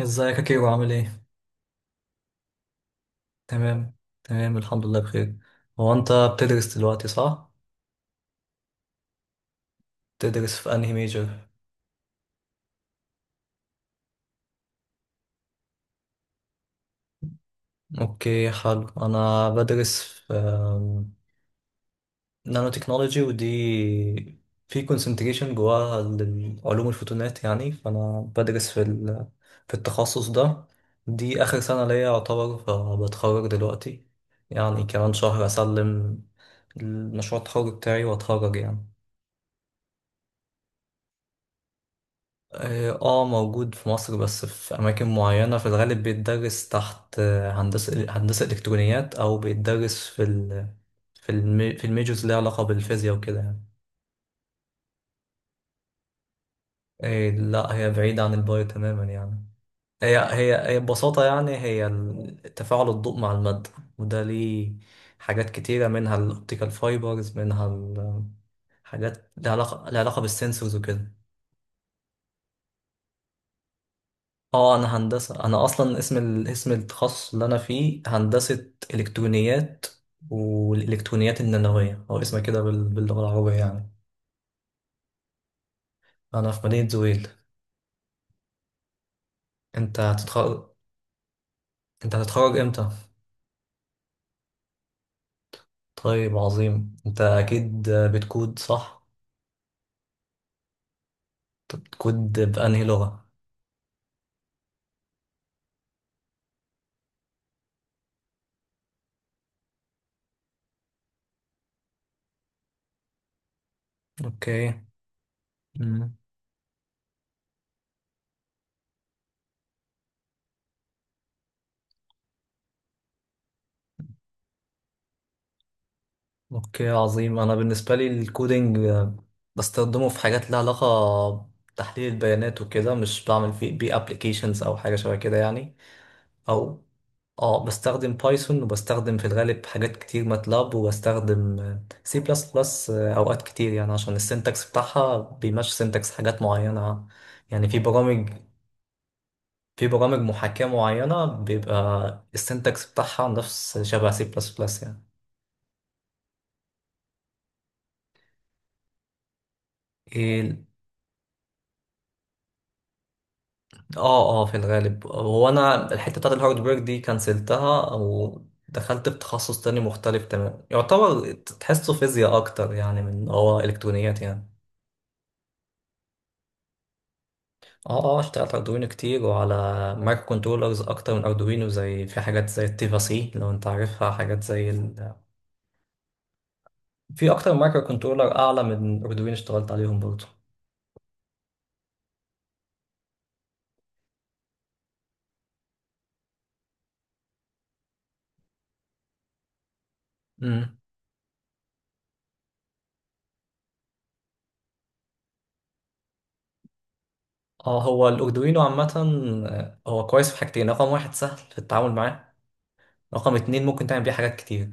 ازيك يا كيرو عامل ايه؟ تمام، تمام، الحمد لله بخير. هو انت بتدرس دلوقتي صح؟ بتدرس في انهي ميجر؟ اوكي، حلو. انا بدرس في نانو تكنولوجي، ودي في كونسنتريشن جواها للعلوم، الفوتونات يعني. فانا بدرس في في التخصص ده. دي اخر سنة ليا يعتبر، فبتخرج دلوقتي يعني، كمان شهر اسلم المشروع التخرج بتاعي واتخرج يعني. اه، موجود في مصر، بس في أماكن معينة. في الغالب بيتدرس تحت هندسة إلكترونيات، أو بيتدرس في الميجورز اللي ليها علاقة بالفيزياء وكده يعني. إيه، لا، هي بعيدة عن البايو تماما يعني. هي ببساطة يعني، تفاعل الضوء مع المادة، وده ليه حاجات كتيرة، منها الأوبتيكال فايبرز، منها حاجات لها علاقة بالسنسورز وكده. اه، انا هندسه. انا اصلا اسم اسم التخصص اللي انا فيه هندسه الكترونيات، والالكترونيات النانويه هو اسمها كده باللغه العربيه يعني. انا في مدينه زويل. انت هتتخرج انت هتتخرج امتى؟ طيب، عظيم. انت اكيد بتكود صح؟ طب بتكود بانهي لغه؟ اوكي. مم. اوكي، عظيم. انا بالنسبه لي الكودينج، بستخدمه في حاجات لها علاقه بتحليل البيانات وكده، مش بعمل بيه ابلكيشنز او حاجه شبه كده يعني. او اه، بستخدم بايثون، وبستخدم في الغالب حاجات كتير ماتلاب، وبستخدم سي بلس بلس اوقات كتير يعني، عشان السنتكس بتاعها بيمشي سنتكس حاجات معينة يعني. في برامج محاكاة معينة بيبقى السنتكس بتاعها نفس شبه سي بلس بلس يعني. إيه، اه، في الغالب، هو انا الحتة بتاعت الهاردوير دي كنسلتها، او دخلت في تخصص تاني مختلف تماما، يعتبر تحسه فيزياء اكتر يعني من هو الكترونيات يعني. اه، اشتغلت اردوينو كتير، وعلى مايكرو كنترولرز اكتر من اردوينو. زي في حاجات زي التيفا سي لو انت عارفها، حاجات زي في اكتر من مايكرو كنترولر اعلى من اردوينو اشتغلت عليهم برضه. امم. اه، هو الاردوينو عامة، هو كويس في حاجتين. رقم واحد، سهل في التعامل معاه. رقم اتنين، ممكن تعمل بيه حاجات كتير.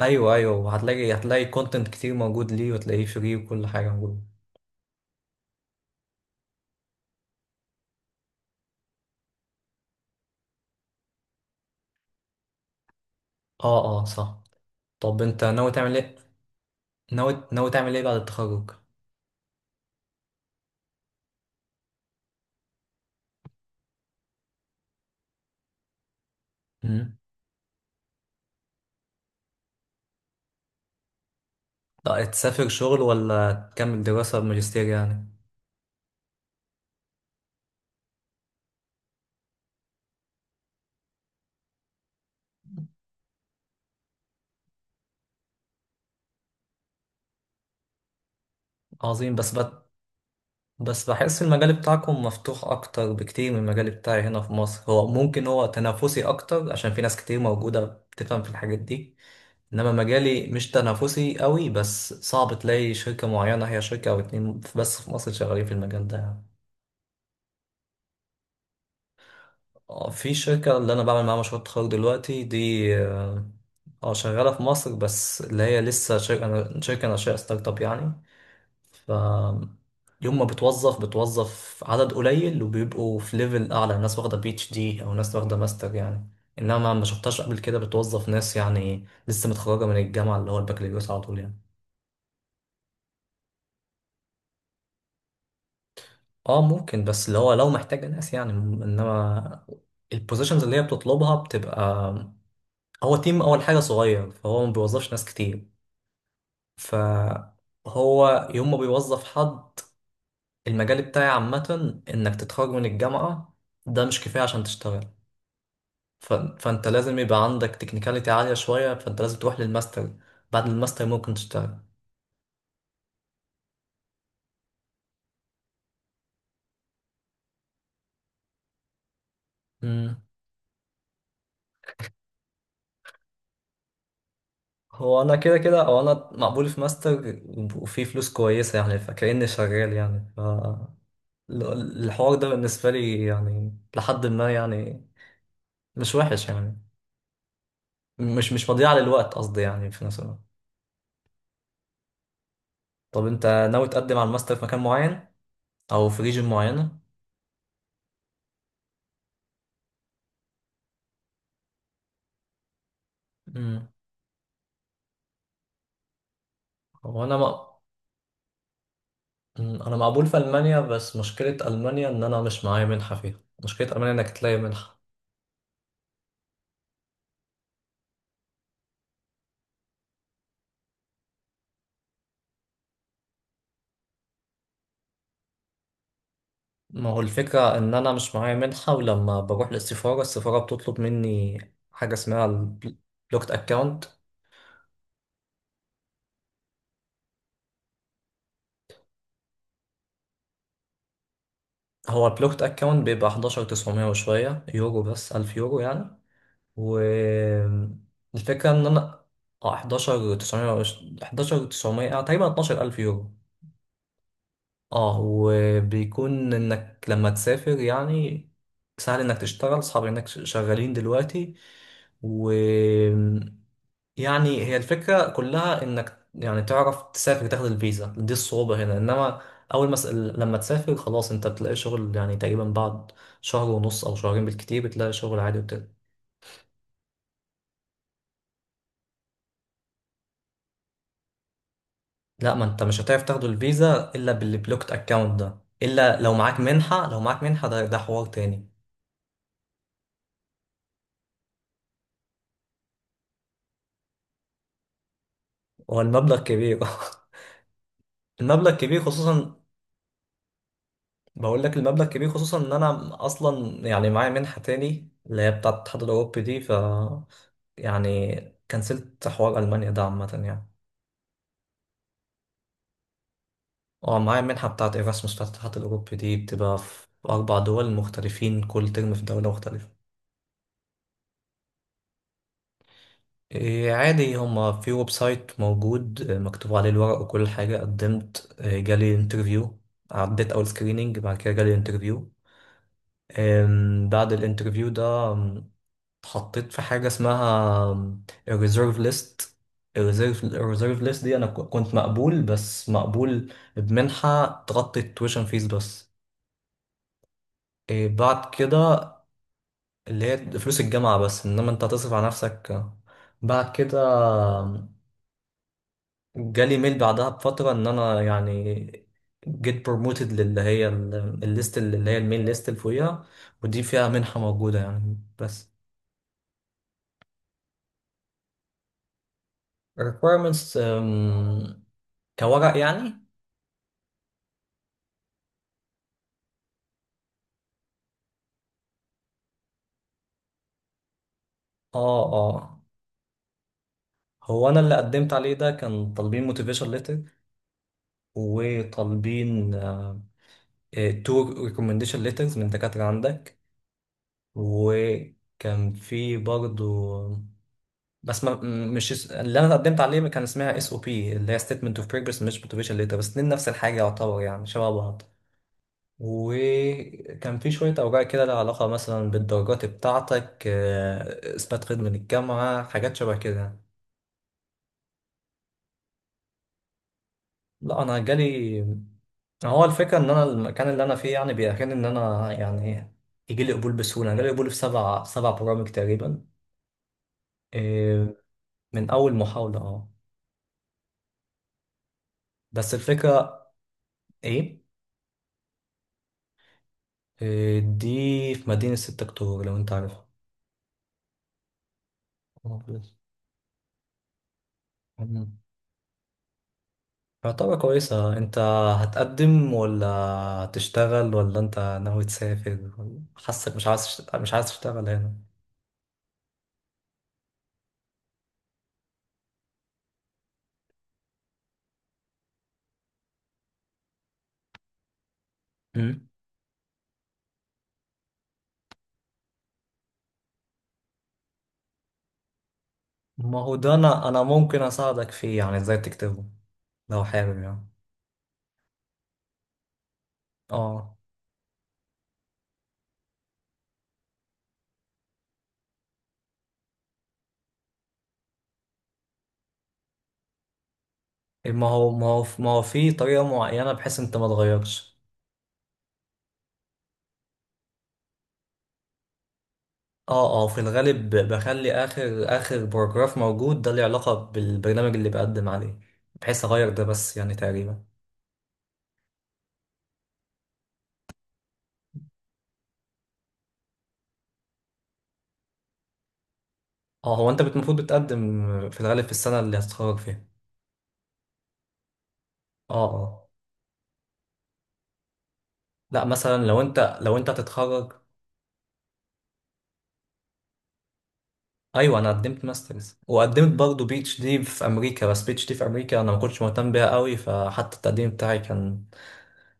ايوه، ايوه، وهتلاقي كونتنت كتير موجود ليه، وتلاقيه فري، وكل حاجة موجودة. اه، صح. طب انت ناوي تعمل ايه؟ ناوي تعمل ايه بعد التخرج؟ لا تسافر شغل ولا تكمل دراسة بماجستير يعني؟ عظيم. بس بحس المجال بتاعكم مفتوح أكتر بكتير من المجال بتاعي هنا في مصر. هو ممكن تنافسي أكتر عشان في ناس كتير موجودة بتفهم في الحاجات دي. إنما مجالي مش تنافسي قوي، بس صعب تلاقي شركة معينة. هي شركة أو اتنين بس في مصر شغالين في المجال ده يعني. في شركة اللي أنا بعمل معاها مشروع تخرج دلوقتي دي، اه، شغالة في مصر، بس اللي هي لسه شركة ناشئة، ستارت اب يعني. ف يوم ما بتوظف عدد قليل، وبيبقوا في ليفل اعلى، ناس واخده بي اتش دي او ناس واخده ماستر يعني. انما ما شفتهاش قبل كده بتوظف ناس يعني لسه متخرجه من الجامعه، اللي هو البكالوريوس، على طول يعني. اه، ممكن، بس اللي هو لو محتاجه ناس يعني، انما البوزيشنز اللي هي بتطلبها بتبقى، هو تيم اول حاجه صغير، فهو ما بيوظفش ناس كتير. فهو يوم ما بيوظف حد، المجال بتاعي عامه انك تتخرج من الجامعه ده مش كفايه عشان تشتغل. فانت لازم يبقى عندك تكنيكاليتي عالية شوية، فانت لازم تروح للماستر. بعد الماستر ممكن تشتغل. مم. هو انا كده كده، او انا مقبول في ماستر، وفي فلوس كويسة يعني، فكأني شغال يعني. ف ال- الحوار ده بالنسبة لي يعني لحد ما يعني، مش وحش يعني، مش مضيعة للوقت قصدي يعني، في نفس الوقت. طب انت ناوي تقدم على الماستر في مكان معين او في ريجن معينة؟ مم. هو انا انا مقبول في المانيا، بس مشكله المانيا ان انا مش معايا منحه فيها. مشكله المانيا انك تلاقي منحه. ما هو الفكره ان انا مش معايا منحه، ولما بروح للسفاره، السفاره بتطلب مني حاجه اسمها البلوكت اكاونت. هو البلوكت اكاونت بيبقى 11900 وشويه يورو، بس 1000 يورو يعني، والفكره ان انا، اه، 11900 تقريبا 12000 يورو. اه، وبيكون انك لما تسافر يعني سهل انك تشتغل. اصحابي انك شغالين دلوقتي، و يعني هي الفكرة كلها انك يعني تعرف تسافر تاخد الفيزا. دي الصعوبة هنا. انما اول ما لما تسافر خلاص، انت بتلاقي شغل يعني تقريبا بعد شهر ونص او شهرين بالكتير، بتلاقي شغل عادي وكده. لا، ما انت مش هتعرف تاخد الفيزا الا بالبلوكت اكاونت ده، الا لو معاك منحة ده حوار تاني. هو المبلغ كبير. المبلغ كبير خصوصا. بقول لك المبلغ كبير خصوصا ان انا اصلا يعني معايا منحة تاني اللي هي بتاعة الاتحاد الاوروبي دي. ف يعني كنسلت حوار المانيا ده عامة يعني. اه، معايا منحة بتاعة ايراسموس بتاعة الاتحاد الاوروبي، دي بتبقى في 4 دول مختلفين، كل ترم في دولة مختلفة. إيه، عادي، هما في ويب سايت موجود، مكتوب عليه الورق وكل حاجة. قدمت، جالي انترفيو. عديت اول سكريننج، بعد كده جالي انترفيو. بعد الانترفيو ده اتحطيت في حاجة اسمها الريزيرف ليست. الريزيرف ليست دي، أنا كنت مقبول، بس مقبول بمنحة تغطي التويشن فيس بس. إيه، بعد كده، اللي هي فلوس الجامعة بس، إنما أنت هتصرف على نفسك. بعد كده جالي ميل بعدها بفترة إن أنا يعني جيت بروموتد للي هي الليست اللي هي الميل ليست اللي فوقيها، ودي فيها منحة موجودة يعني. بس requirements، كورق يعني. اه، هو انا اللي قدمت عليه ده كان طالبين موتيفيشن ليتر، وطالبين تو ريكومنديشن ليترز من دكاترة عندك، وكان في برضو، بس ما م- مش اس- اللي انا قدمت عليه كان اسمها اس او بي، اللي هي ستيتمنت اوف بروجرس، مش موتيفيشن ليتر، بس اتنين نفس الحاجة يعتبر يعني، شبه بعض. وكان في شوية أوراق كده لها علاقة مثلا بالدرجات بتاعتك، إثبات خدمة للجامعة، حاجات شبه كده. لا، أنا جالي، هو الفكرة إن أنا المكان اللي أنا فيه يعني بيأهلني إن أنا يعني يجي لي قبول بسهولة. أنا جالي قبول في سبع برامج تقريبا. إيه، من أول محاولة، أه. بس الفكرة، إيه؟ إيه، دي في مدينة 6 أكتوبر لو أنت عارفها. آه، كويس. مم. يعتبر كويسة. أنت هتقدم، ولا هتشتغل، ولا أنت ناوي تسافر، ولا حاسك مش عايز مش عايز تشتغل هنا؟ مم. ما هو ده أنا ممكن أساعدك فيه يعني إزاي تكتبه لو حابب يعني. اه، ما هو في طريقة معينة بحيث انت ما تغيرش. اه، في الغالب بخلي اخر باراجراف موجود ده له علاقة بالبرنامج اللي بقدم عليه، بحيث اغير ده بس يعني تقريبا. اه، هو انت المفروض بتقدم في الغالب في السنة اللي هتتخرج فيها. اه، اه، لا، مثلا لو انت، هتتخرج، ايوه. انا قدمت ماسترز، وقدمت برضه بي اتش دي في امريكا. بس بي اتش دي في امريكا انا ما كنتش مهتم بيها قوي، فحتى التقديم بتاعي كان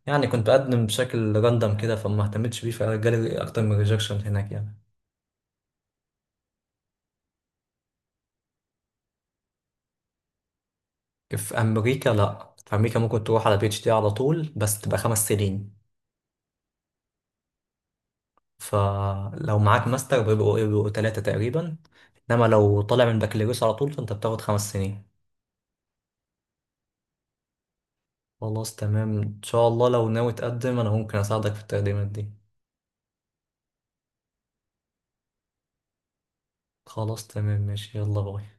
يعني، كنت بقدم بشكل راندم كده، فما اهتمتش بيه، فجالي اكتر من ريجكشن هناك يعني. في امريكا، لا، في امريكا ممكن تروح على بي اتش دي على طول، بس تبقى 5 سنين. فلو معاك ماستر بيبقوا ايه، بيبقوا تلاتة تقريبا. انما لو طالع من بكالوريوس على طول فانت بتاخد 5 سنين. خلاص، تمام، ان شاء الله. لو ناوي تقدم انا ممكن اساعدك في التقديمات دي. خلاص، تمام، ماشي، يلا باي.